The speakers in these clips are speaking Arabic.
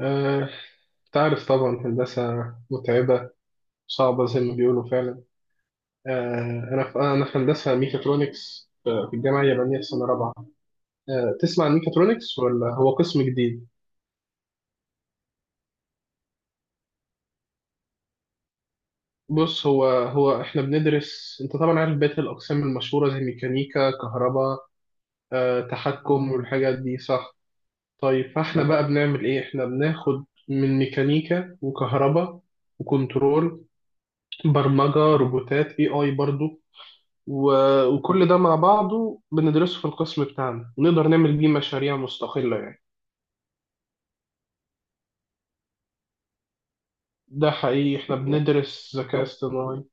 آه، تعرف طبعا هندسة متعبة، صعبة زي ما بيقولوا فعلا. أنا في هندسة ميكاترونكس، في الجامعة اليابانية في سنة رابعة. تسمع عن ميكاترونكس ولا هو قسم جديد؟ بص، هو إحنا بندرس، أنت طبعا عارف بقية الأقسام المشهورة زي ميكانيكا، كهرباء، تحكم والحاجات دي، صح؟ طيب، فإحنا بقى بنعمل إيه؟ إحنا بناخد من ميكانيكا وكهرباء وكنترول، برمجة روبوتات، اي اي برضو. وكل ده مع بعضه بندرسه في القسم بتاعنا، ونقدر نعمل بيه مشاريع مستقلة يعني. ده حقيقي، احنا والله بندرس ذكاء اصطناعي.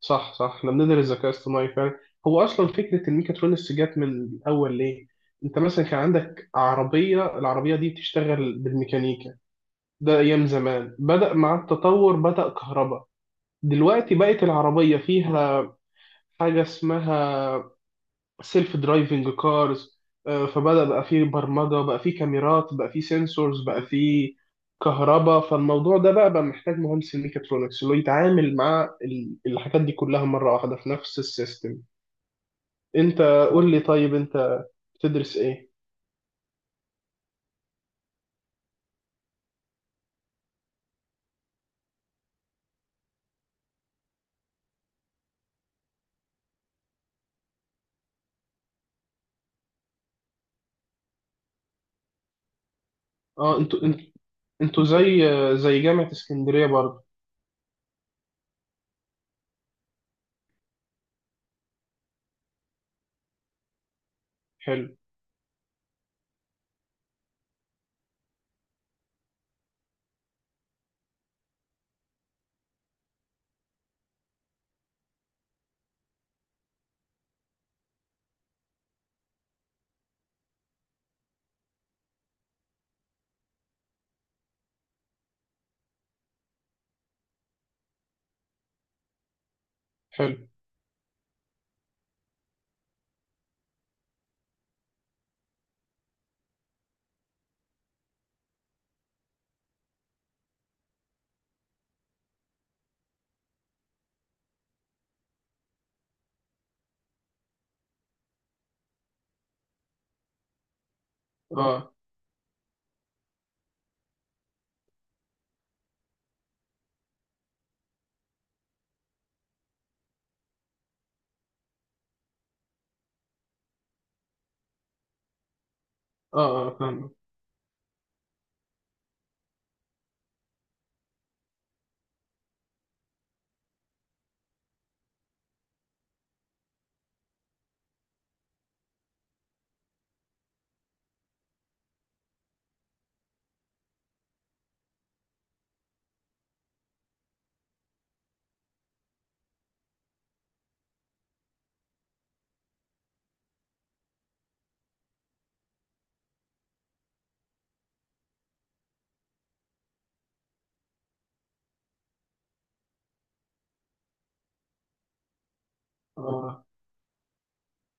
صح صح، احنا بندرس ذكاء اصطناعي فعلا. هو اصلا فكرة الميكاترونكس جت من الاول ليه؟ انت مثلا كان عندك عربية، العربية دي بتشتغل بالميكانيكا، ده ايام زمان. بدأ مع التطور، بدأ كهرباء. دلوقتي بقت العربية فيها حاجة اسمها سيلف درايفنج كارز، فبدأ بقى فيه برمجة، بقى فيه كاميرات، بقى فيه سنسورز، بقى فيه كهرباء. فالموضوع ده بقى محتاج مهندس الميكاترونكس اللي هو يتعامل مع الحاجات دي كلها مرة واحدة في نفس السيستم. انت، قول لي طيب، انت بتدرس ايه؟ اه، انتوا، انتوا زي جامعة اسكندرية برضه؟ حلو، حلو. اه، اه، اه، فاهم. اه،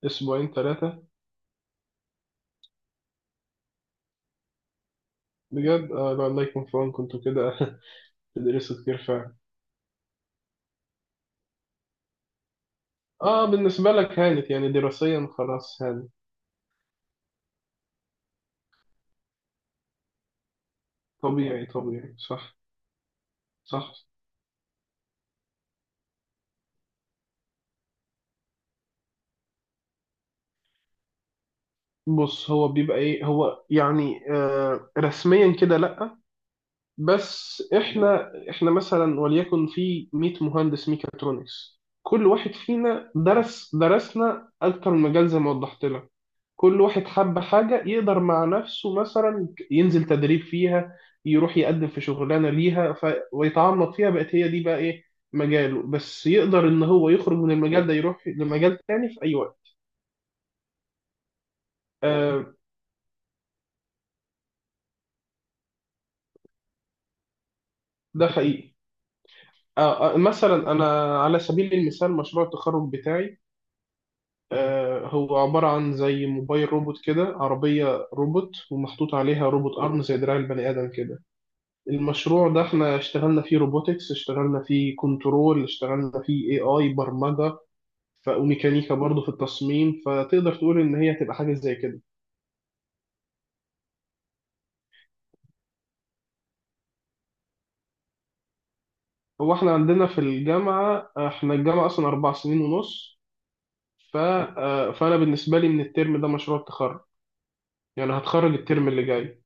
اسبوعين ثلاثة. بجد؟ آه لا، الله يكون في عونكم انتوا كده تدرسوا كتير فعلا. اه، بالنسبة لك هانت يعني، دراسيا خلاص هانت. طبيعي طبيعي، صح. صح. بص، هو بيبقى ايه، هو يعني آه رسميا كده لا. بس احنا مثلا وليكن في 100 مهندس ميكاترونكس، كل واحد فينا درسنا اكتر من مجال زي ما وضحت لك. كل واحد حب حاجة يقدر مع نفسه مثلا ينزل تدريب فيها، يروح يقدم في شغلانة ليها، ف... ويتعمق فيها، بقت هي دي بقى إيه مجاله. بس يقدر إن هو يخرج من المجال ده، يروح لمجال تاني في أي وقت. آه، ده حقيقي. مثلا أنا على سبيل المثال مشروع التخرج بتاعي، هو عبارة عن زي موبايل روبوت كده، عربية روبوت ومحطوط عليها روبوت أرم زي دراع البني آدم كده. المشروع ده احنا اشتغلنا فيه روبوتكس، اشتغلنا فيه كنترول، اشتغلنا فيه اي اي برمجة وميكانيكا برضه في التصميم. فتقدر تقول ان هي هتبقى حاجة زي كده. هو احنا عندنا في الجامعة، احنا الجامعة اصلا اربع سنين ونص. ف... فانا بالنسبة لي من الترم ده مشروع التخرج، يعني هتخرج الترم اللي جاي.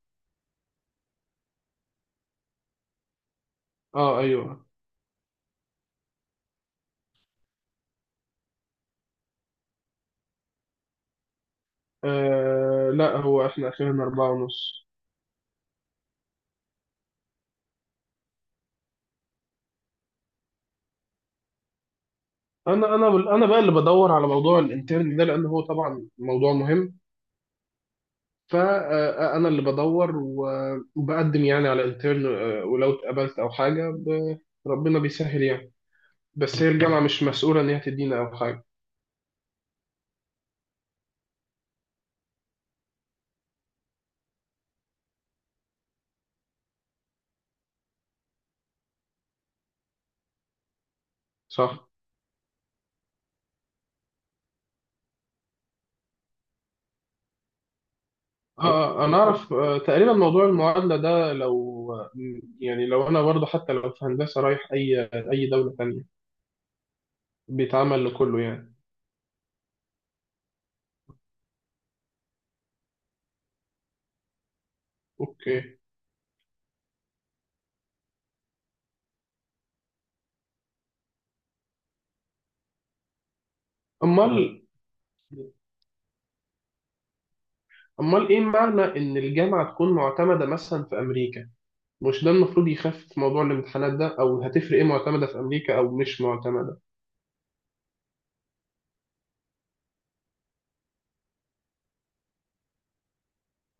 اه ايوه. آه لا، هو احنا اخرنا اربعة ونص. انا انا انا بقى اللي بدور على موضوع الانترن ده، لان هو طبعا موضوع مهم. فأنا اللي بدور وبقدم يعني على انترن، ولو اتقبلت أو حاجة ربنا بيسهل يعني. بس هي الجامعة مش مسؤولة إن هي تدينا أو حاجة، صح؟ أنا أعرف تقريبا موضوع المعادلة ده، لو يعني لو أنا برضه حتى لو في هندسة رايح أي أي دولة تانية، بيتعمل لكله يعني. أوكي. أمال، أمال إيه معنى إن الجامعة تكون معتمدة مثلا في أمريكا؟ مش ده المفروض يخفف موضوع الامتحانات ده؟ أو هتفرق إيه معتمدة في أمريكا أو مش معتمدة؟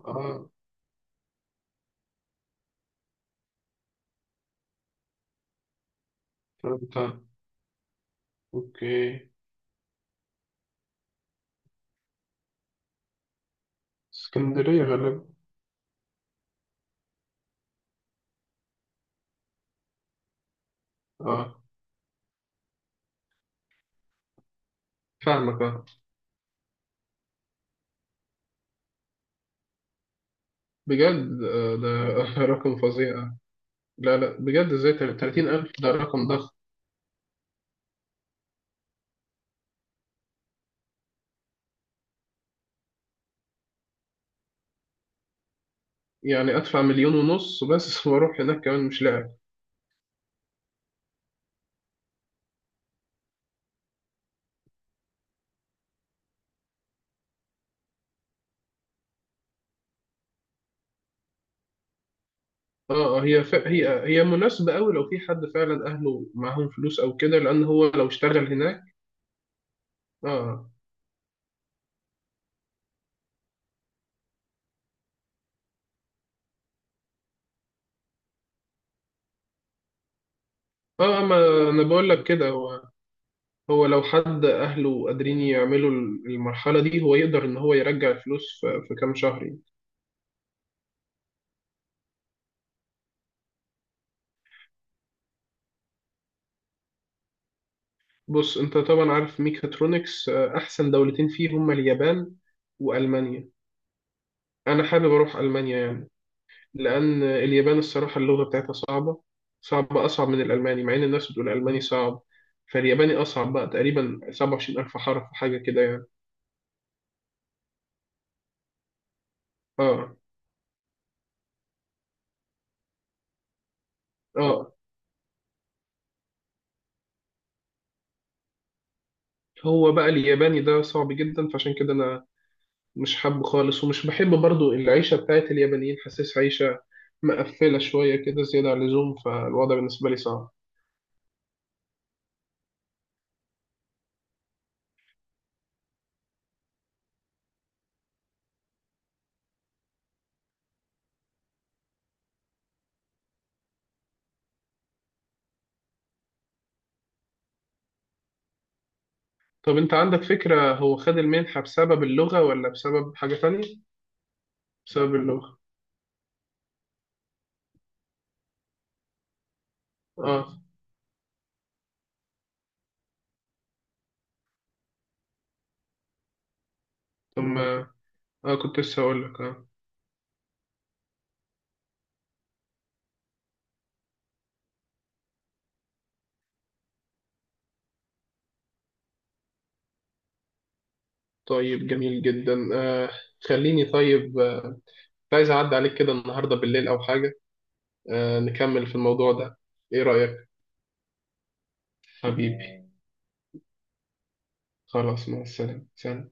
اه، فهمت. اوكي. اسكندرية غالبا. اه، فاهمك. اه، بجد؟ ده رقم فظيع. لا لا، بجد، ازاي 30,000؟ ده رقم ضخم. يعني أدفع مليون ونص بس وأروح هناك كمان، مش لاعب. اه، هي ف... هي هي مناسبة أوي لو في حد فعلا أهله معاهم فلوس أو كده، لأن هو لو اشتغل هناك. اه. اه، ما أنا بقول لك كده. هو لو حد أهله قادرين يعملوا المرحلة دي، هو يقدر إن هو يرجع الفلوس في كام شهر. بص، انت طبعا عارف ميكاترونكس، احسن دولتين فيه هما اليابان والمانيا. انا حابب اروح المانيا يعني، لان اليابان الصراحه اللغه بتاعتها صعبه صعبه اصعب من الالماني، مع ان الناس بتقول الالماني صعب. فالياباني اصعب بقى تقريبا 27,000 حرف حاجه كده يعني. اه. اه. هو بقى الياباني ده صعب جدا، فعشان كده انا مش حابه خالص، ومش بحب برضو العيشه بتاعت اليابانيين. حاسس عيشه مقفله شويه كده زياده عن اللزوم، فالوضع بالنسبه لي صعب. طب انت عندك فكرة، هو خد المنحة بسبب اللغة ولا بسبب حاجة تانية؟ بسبب اللغة. اه. طب، ما اه، كنت لسه هقول لك. اه. طيب جميل جدا. خليني طيب، كنت عايز اعدي عليك كده النهاردة بالليل او حاجة، نكمل في الموضوع ده. ايه رأيك؟ حبيبي. خلاص، مع السلامة، سلام.